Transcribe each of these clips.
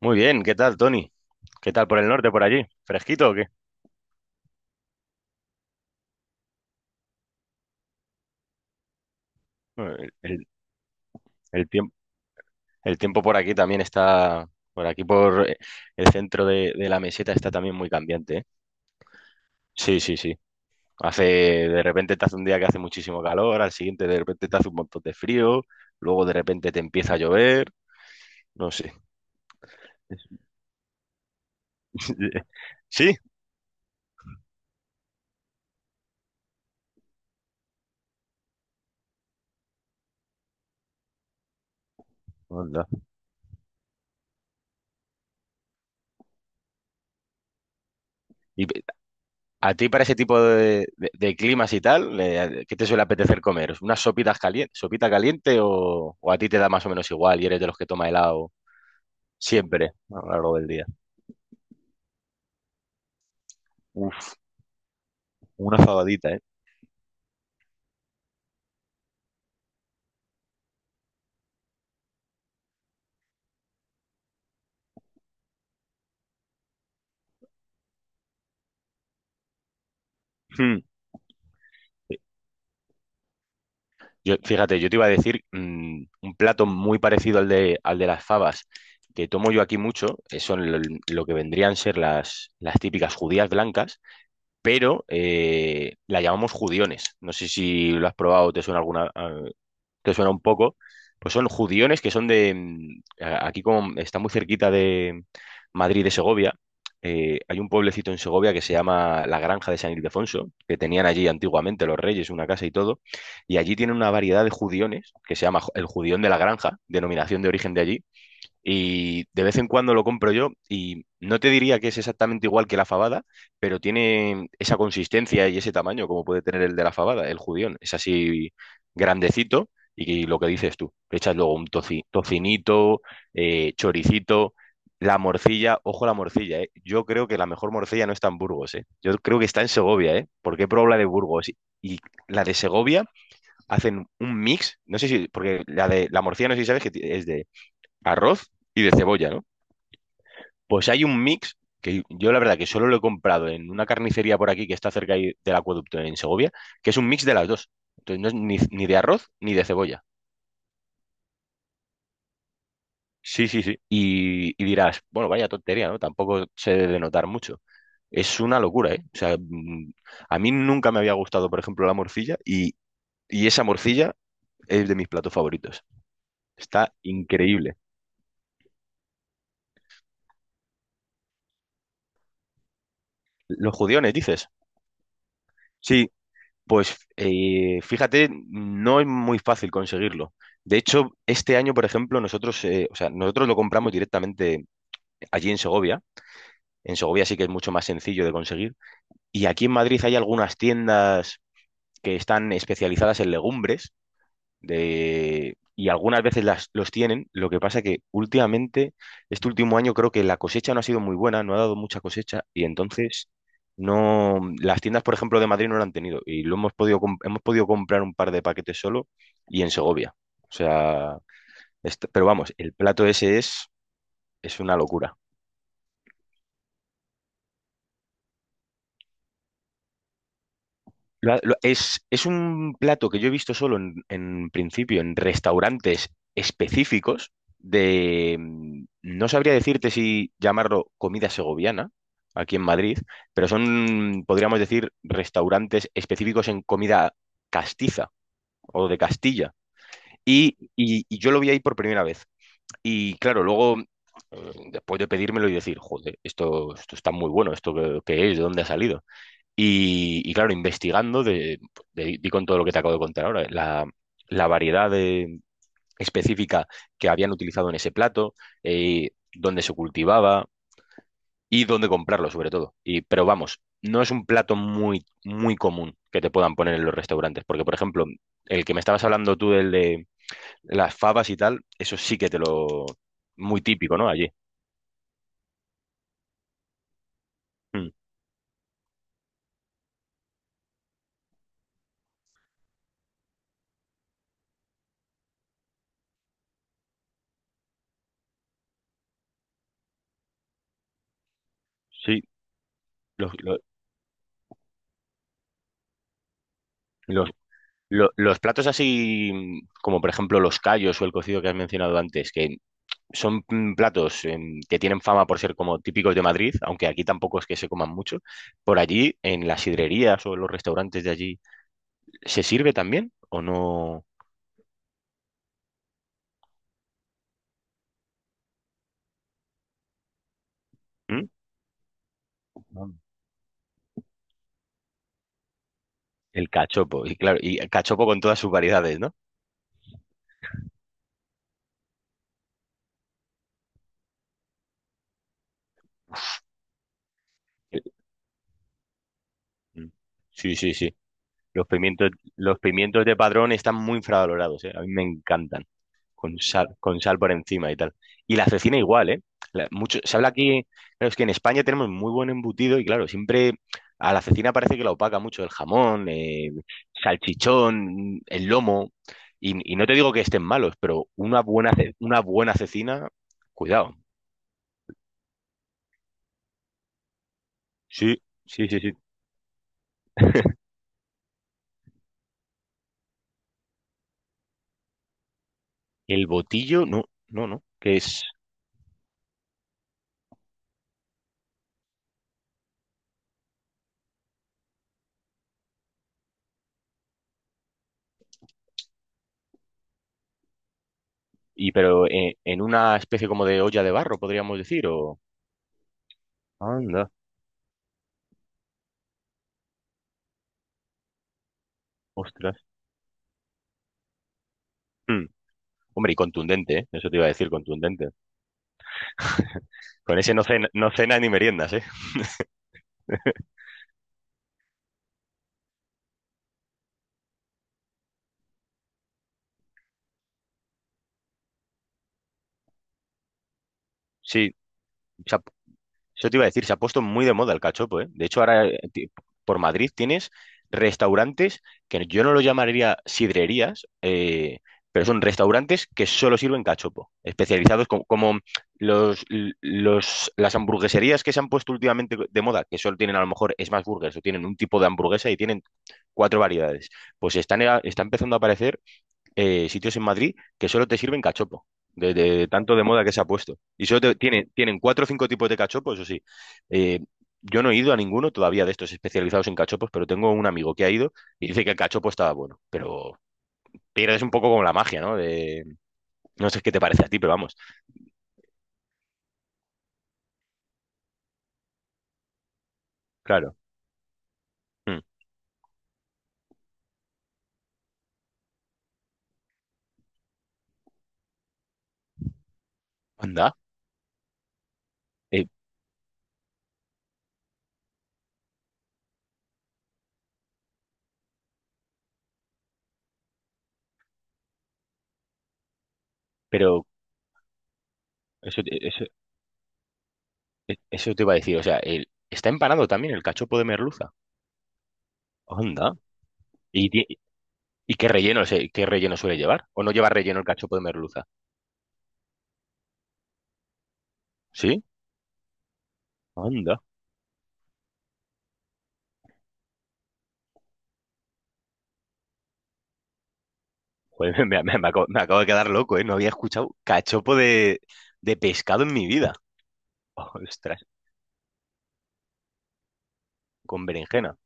Muy bien, ¿qué tal, Tony? ¿Qué tal por el norte, por allí? ¿Fresquito o qué? Bueno, el tiemp- el tiempo por aquí también está, por aquí por el centro de la meseta está también muy cambiante, ¿eh? Sí, sí, sí. Hace, de repente te hace un día que hace muchísimo calor, al siguiente de repente te hace un montón de frío, luego de repente te empieza a llover, no sé. Sí. Anda. ¿Y, ¿A ti para ese tipo de climas y tal, qué te suele apetecer comer? ¿Unas sopitas calientes, sopita caliente o a ti te da más o menos igual y eres de los que toma helado siempre a lo largo del día? Uf, una fabadita, ¿eh? Hmm. Yo, fíjate, yo te iba a decir un plato muy parecido al de las fabas que tomo yo aquí mucho, son lo que vendrían a ser las típicas judías blancas, pero la llamamos judiones. No sé si lo has probado o te suena alguna, que suena un poco, pues son judiones que son de, aquí como está muy cerquita de Madrid de Segovia, hay un pueblecito en Segovia que se llama La Granja de San Ildefonso, que tenían allí antiguamente los reyes, una casa y todo, y allí tienen una variedad de judiones que se llama el judión de la granja, denominación de origen de allí, y de vez en cuando lo compro yo y no te diría que es exactamente igual que la fabada, pero tiene esa consistencia y ese tamaño como puede tener el de la fabada, el judión. Es así grandecito y lo que dices tú, le echas luego un tocinito, choricito, la morcilla, ojo a la morcilla, ¿eh? Yo creo que la mejor morcilla no está en Burgos, ¿eh? Yo creo que está en Segovia, ¿eh? Porque he probado la de Burgos y la de Segovia hacen un mix, no sé si, porque la de la morcilla no sé si sabes que es de arroz y de cebolla, ¿no? Pues hay un mix que yo la verdad que solo lo he comprado en una carnicería por aquí que está cerca ahí del acueducto en Segovia, que es un mix de las dos. Entonces no es ni de arroz ni de cebolla. Sí, sí, sí. Y dirás, bueno, vaya tontería, ¿no? Tampoco se debe de notar mucho. Es una locura, ¿eh? O sea, mm, a mí nunca me había gustado, por ejemplo, la morcilla y esa morcilla es de mis platos favoritos. Está increíble. Los judiones, dices. Sí. Pues fíjate, no es muy fácil conseguirlo. De hecho, este año, por ejemplo, nosotros, o sea, nosotros lo compramos directamente allí en Segovia. En Segovia sí que es mucho más sencillo de conseguir. Y aquí en Madrid hay algunas tiendas que están especializadas en legumbres y algunas veces los tienen. Lo que pasa que últimamente, este último año creo que la cosecha no ha sido muy buena, no ha dado mucha cosecha y entonces no, las tiendas, por ejemplo, de Madrid no lo han tenido y lo hemos hemos podido comprar un par de paquetes solo y en Segovia. O sea, pero vamos, el plato ese es una locura. Es un plato que yo he visto solo en principio en restaurantes específicos de, mm, no sabría decirte si llamarlo comida segoviana aquí en Madrid, pero son, podríamos decir, restaurantes específicos en comida castiza o de Castilla. Y yo lo vi ahí por primera vez. Y claro, luego, después de pedírmelo y decir, joder, esto está muy bueno, esto que es, de dónde ha salido. Y claro, investigando, di con todo lo que te acabo de contar ahora, la variedad específica que habían utilizado en ese plato, dónde se cultivaba y dónde comprarlo, sobre todo. Y, pero vamos, no es un plato muy, muy común que te puedan poner en los restaurantes, porque, por ejemplo, el que me estabas hablando tú, del de las favas y tal, eso sí que te lo... Muy típico, ¿no? Allí. Mm, sí, los los platos así, como por ejemplo los callos o el cocido que has mencionado antes, que son platos em, que tienen fama por ser como típicos de Madrid, aunque aquí tampoco es que se coman mucho, por allí, en las sidrerías o en los restaurantes de allí, ¿se sirve también o no? ¿Mm? No. El cachopo, y claro, y el cachopo con todas sus variedades, ¿no? El- Mm. Sí, sí, sí. Los pimientos, los pimientos de Padrón están muy infravalorados, ¿eh? A mí me encantan. Con sal, con sal por encima y tal. Y la cecina igual, ¿eh? Mucho, se habla aquí, claro, es que en España tenemos muy buen embutido y claro, siempre a la cecina parece que la opaca mucho el jamón, salchichón, el lomo. Y no te digo que estén malos, pero una buena, una buena cecina, cuidado. Sí, sí, sí, sí. El botillo, no, no, no, que es... Y pero en una especie como de olla de barro, podríamos decir, o... Anda, ostras. Mm. Hombre, y contundente, ¿eh? Eso te iba a decir, contundente. Con ese no cena, no cena ni meriendas, ¿eh? Sí, se ha- eso te iba a decir, se ha puesto muy de moda el cachopo, ¿eh? De hecho, ahora por Madrid tienes restaurantes que yo no los llamaría sidrerías, pero son restaurantes que solo sirven cachopo, especializados como, los, las hamburgueserías que se han puesto últimamente de moda, que solo tienen a lo mejor smash burgers o tienen un tipo de hamburguesa y tienen cuatro variedades. Pues están, está empezando a aparecer sitios en Madrid que solo te sirven cachopo, de tanto de moda que se ha puesto. Y solo tienen, tienen cuatro o cinco tipos de cachopo, eso sí. Eh, yo no he ido a ninguno todavía de estos especializados en cachopos, pero tengo un amigo que ha ido y dice que el cachopo estaba bueno, pero pierdes un poco como la magia, ¿no? De, no sé qué te parece a ti, pero vamos, claro. Mm. Anda, eh, pero eso, te- eso, eso te iba a decir, o sea, está empanado también el cachopo de merluza. Anda. ¿Y, ti- ¿y qué relleno, o qué relleno suele llevar? ¿O no lleva relleno el cachopo de merluza? ¿Sí? Anda. Joder, me acabo de quedar loco, ¿eh? No había escuchado cachopo de pescado en mi vida. Ostras, con berenjena.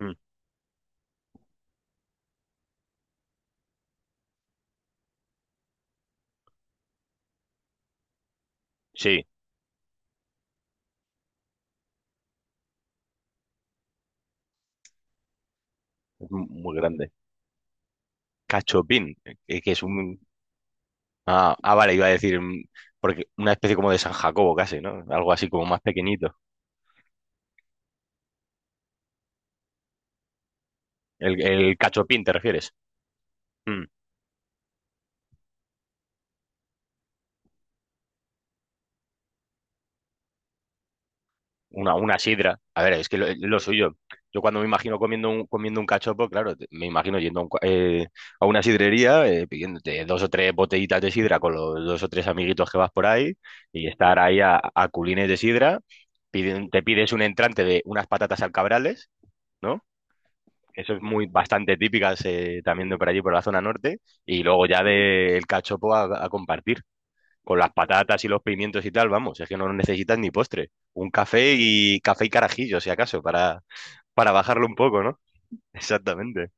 Mm, sí, es muy grande. Cachopín, que es un... Ah, ah, vale, iba a decir, mm, porque una especie como de San Jacobo casi, ¿no? Algo así como más pequeñito. El cachopín, ¿te refieres? Mm. Una sidra. A ver, es que lo suyo. Yo cuando me imagino comiendo un cachopo, claro, me imagino yendo a, un a una sidrería, pidiéndote dos o tres botellitas de sidra con los dos o tres amiguitos que vas por ahí y estar ahí a culines de sidra. Te pides un entrante de unas patatas al cabrales, ¿no? Eso es muy bastante típicas también de por allí, por la zona norte. Y luego ya del cachopo a compartir con las patatas y los pimientos y tal, vamos, es que no necesitas ni postre. Un café y café y carajillo, si acaso, para bajarlo un poco, ¿no? Exactamente.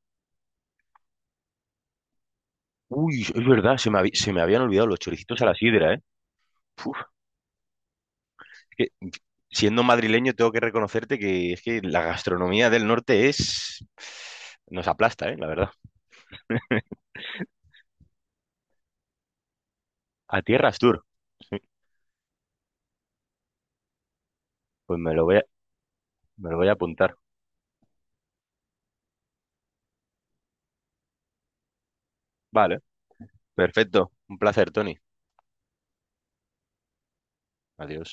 Uy, es verdad, se me habían olvidado los choricitos a la sidra, ¿eh? Uf, es que siendo madrileño tengo que reconocerte que es que la gastronomía del norte es... nos aplasta, ¿eh? La verdad. A Tierras Tour, pues me lo voy a, me lo voy a apuntar. Vale, perfecto. Un placer, Tony. Adiós.